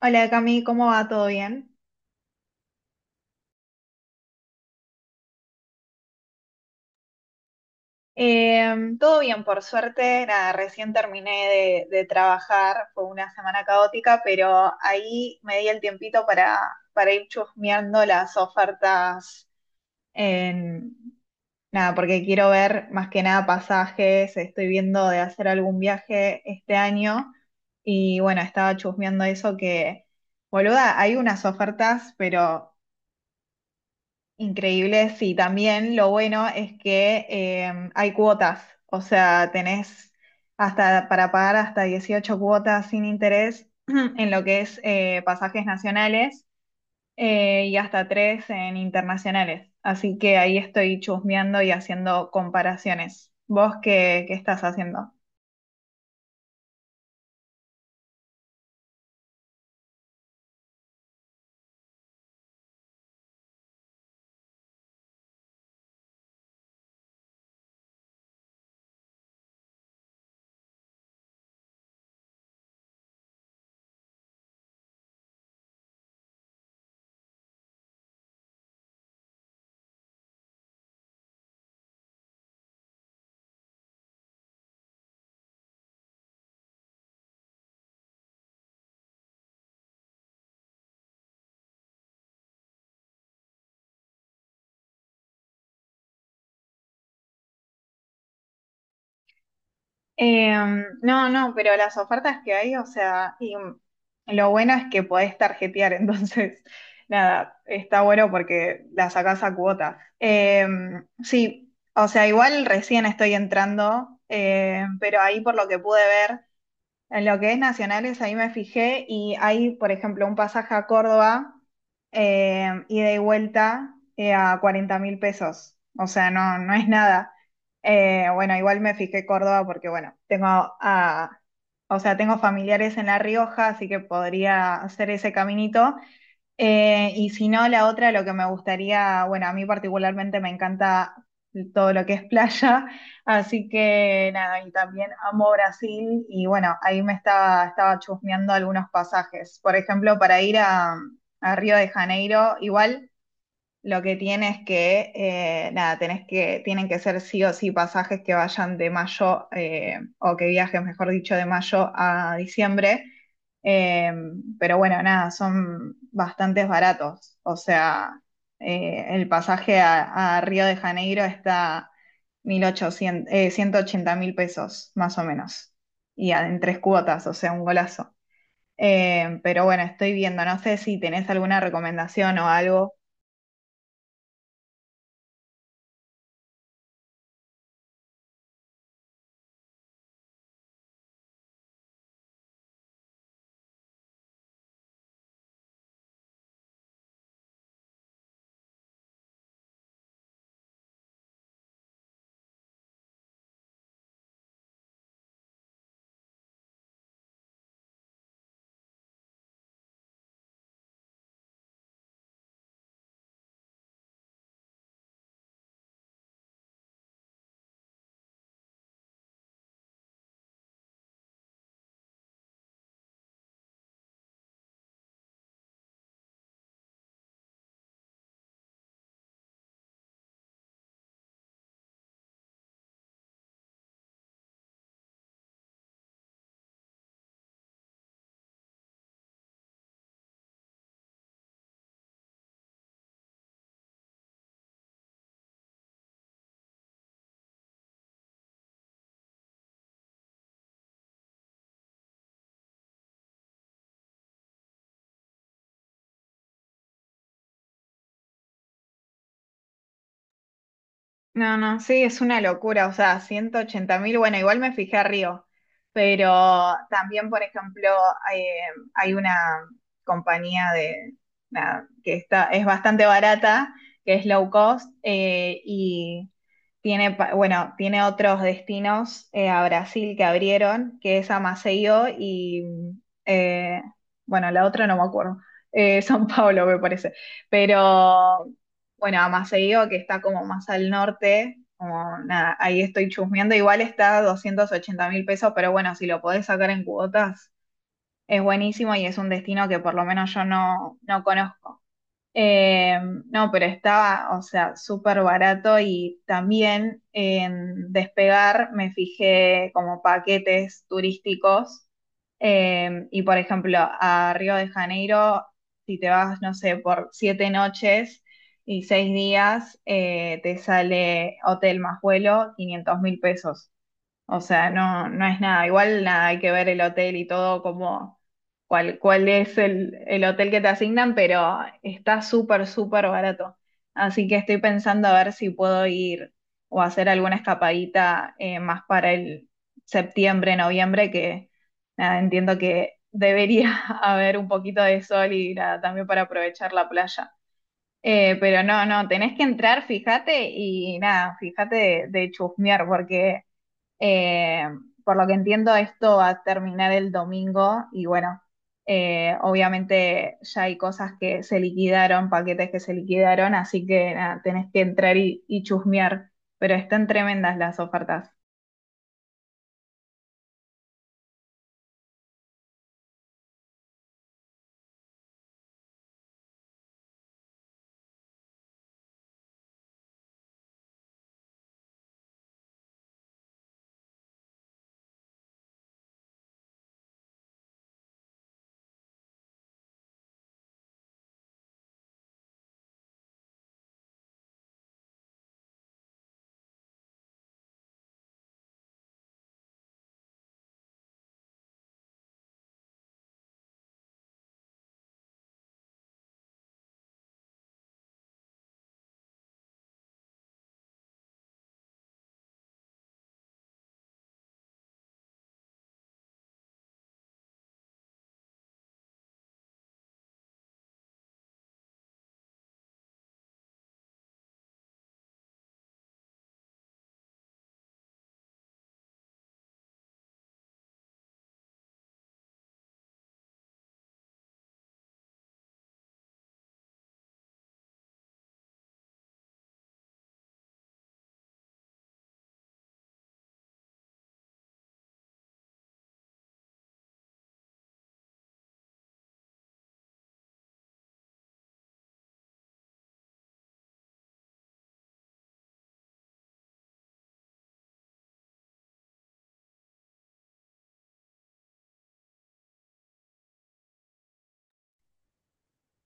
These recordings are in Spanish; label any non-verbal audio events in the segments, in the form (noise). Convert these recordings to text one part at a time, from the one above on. Hola Cami, ¿cómo va? ¿Todo bien? Todo bien, por suerte. Nada, recién terminé de trabajar, fue una semana caótica, pero ahí me di el tiempito para ir chusmeando las ofertas en... Nada, porque quiero ver más que nada pasajes, estoy viendo de hacer algún viaje este año y bueno, estaba chusmeando eso que, boluda, hay unas ofertas, pero increíble, sí. También lo bueno es que hay cuotas, o sea, tenés hasta para pagar hasta 18 cuotas sin interés (clears throat) en lo que es pasajes nacionales y hasta tres en internacionales. Así que ahí estoy chusmeando y haciendo comparaciones. ¿Vos qué estás haciendo? No, no, pero las ofertas que hay, o sea, y lo bueno es que podés tarjetear, (laughs) entonces, nada, está bueno porque la sacás a cuota. Sí, o sea, igual recién estoy entrando, pero ahí por lo que pude ver. En lo que es nacionales, ahí me fijé y hay, por ejemplo, un pasaje a Córdoba, ida y vuelta, a 40.000 pesos. O sea, no, no es nada. Bueno, igual me fijé Córdoba porque, bueno, o sea, tengo familiares en La Rioja, así que podría hacer ese caminito. Y si no, la otra, lo que me gustaría, bueno, a mí particularmente me encanta todo lo que es playa, (laughs) así que nada, y también amo Brasil y bueno, ahí estaba chusmeando algunos pasajes. Por ejemplo, para ir a Río de Janeiro, igual lo que tiene es que, nada, tienen que ser sí o sí pasajes que vayan de mayo, o que viajen, mejor dicho, de mayo a diciembre. Eh, pero bueno, nada, son bastantes baratos. O sea, el pasaje a Río de Janeiro está 1800, 180.000 pesos, más o menos. Y en tres cuotas, o sea, un golazo. Pero bueno, estoy viendo, no sé si tenés alguna recomendación o algo. No, no, sí, es una locura, o sea, 180 mil, bueno, igual me fijé a Río, pero también, por ejemplo, eh, hay una compañía de, nada, es bastante barata, que es low cost, y bueno, tiene otros destinos a Brasil que abrieron, que es a Maceió y, eh, bueno, la otra no me acuerdo, (laughs) São Paulo me parece, pero... Bueno, a Maceió, que está como más al norte, como nada, ahí estoy chusmeando. Igual está 280.000 pesos, pero bueno, si lo podés sacar en cuotas, es buenísimo y es un destino que por lo menos yo no, no conozco. Eh, no, pero estaba, o sea, súper barato y también en Despegar me fijé como paquetes turísticos y por ejemplo a Río de Janeiro, si te vas, no sé, por 7 noches y 6 días, te sale hotel más vuelo 500.000 pesos. O sea, no, no es nada. Igual nada, hay que ver el hotel y todo como cuál es el hotel que te asignan, pero está súper, súper barato. Así que estoy pensando a ver si puedo ir o hacer alguna escapadita más para el septiembre, noviembre, que nada, entiendo que debería (laughs) haber un poquito de sol y nada, también para aprovechar la playa. Pero no, no, tenés que entrar, fíjate, y nada, fíjate de chusmear, porque eh, por lo que entiendo, esto va a terminar el domingo y bueno, obviamente ya hay cosas que se liquidaron, paquetes que se liquidaron, así que nada, tenés que entrar y chusmear, pero están tremendas las ofertas.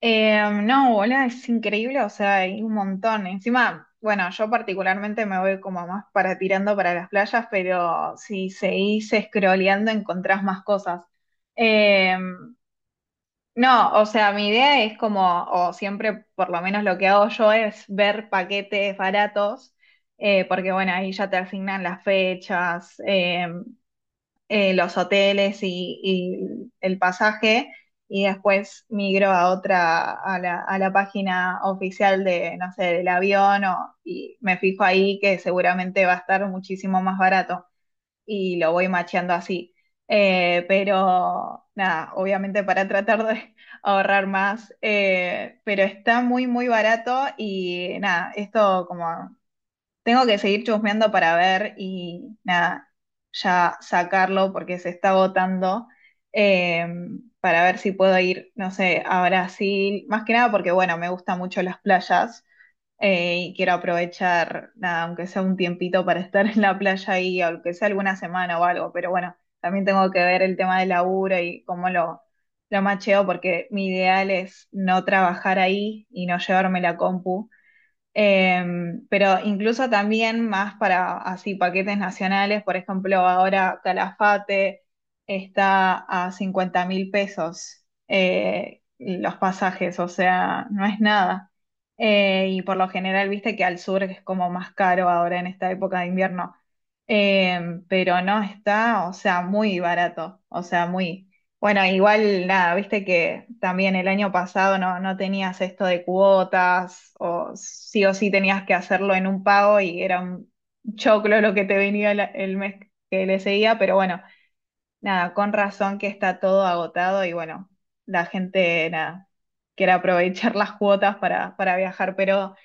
No, hola, es increíble, o sea, hay un montón. Encima, bueno, yo particularmente me voy como más para tirando para las playas, pero si seguís scrolleando encontrás más cosas. Eh, No, o sea, mi idea es como, o siempre por lo menos lo que hago yo es ver paquetes baratos, porque bueno, ahí ya te asignan las fechas, los hoteles y el pasaje, y después migro a otra, a la página oficial de, no sé, del avión, y me fijo ahí que seguramente va a estar muchísimo más barato y lo voy macheando así. Pero nada, obviamente para tratar de (laughs) ahorrar más, pero está muy, muy barato y nada, esto como tengo que seguir chusmeando para ver y nada, ya sacarlo porque se está agotando eh, para ver si puedo ir, no sé, a Brasil, más que nada porque bueno, me gustan mucho las playas y quiero aprovechar, nada, aunque sea un tiempito para estar en la playa y aunque sea alguna semana o algo, pero bueno, también tengo que ver el tema del laburo y cómo lo macheo, porque mi ideal es no trabajar ahí y no llevarme la compu. Pero incluso también más para así paquetes nacionales, por ejemplo, ahora Calafate está a 50.000 pesos los pasajes, o sea, no es nada. Y por lo general, viste que al sur es como más caro ahora en esta época de invierno. Pero no está, o sea, muy barato, o sea, muy. Bueno, igual nada, viste que también el año pasado no, no tenías esto de cuotas, o sí tenías que hacerlo en un pago y era un choclo lo que te venía el mes que le seguía, pero bueno, nada, con razón que está todo agotado y bueno, la gente nada, quiere aprovechar las cuotas para viajar, pero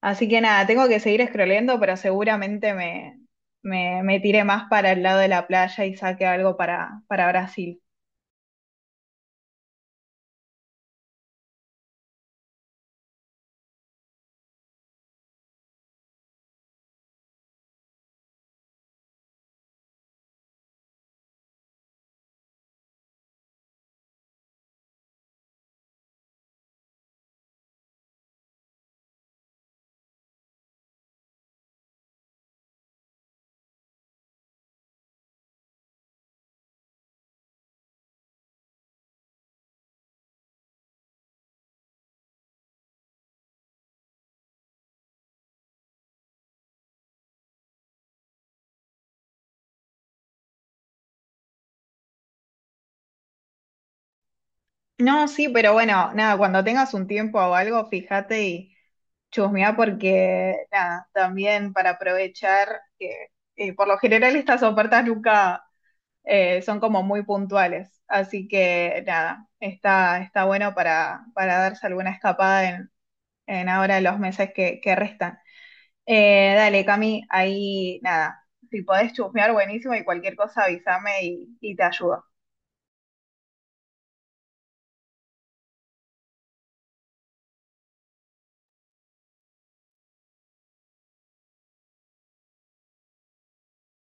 así que nada, tengo que seguir scrolleando, pero seguramente me tiré más para el lado de la playa y saque algo para Brasil. No, sí, pero bueno, nada, cuando tengas un tiempo o algo, fíjate y chusmea porque, nada, también para aprovechar que por lo general estas ofertas nunca son como muy puntuales, así que nada, está bueno para darse alguna escapada en ahora los meses que restan. Dale, Cami, ahí nada, si podés chusmear, buenísimo y cualquier cosa avísame y te ayudo.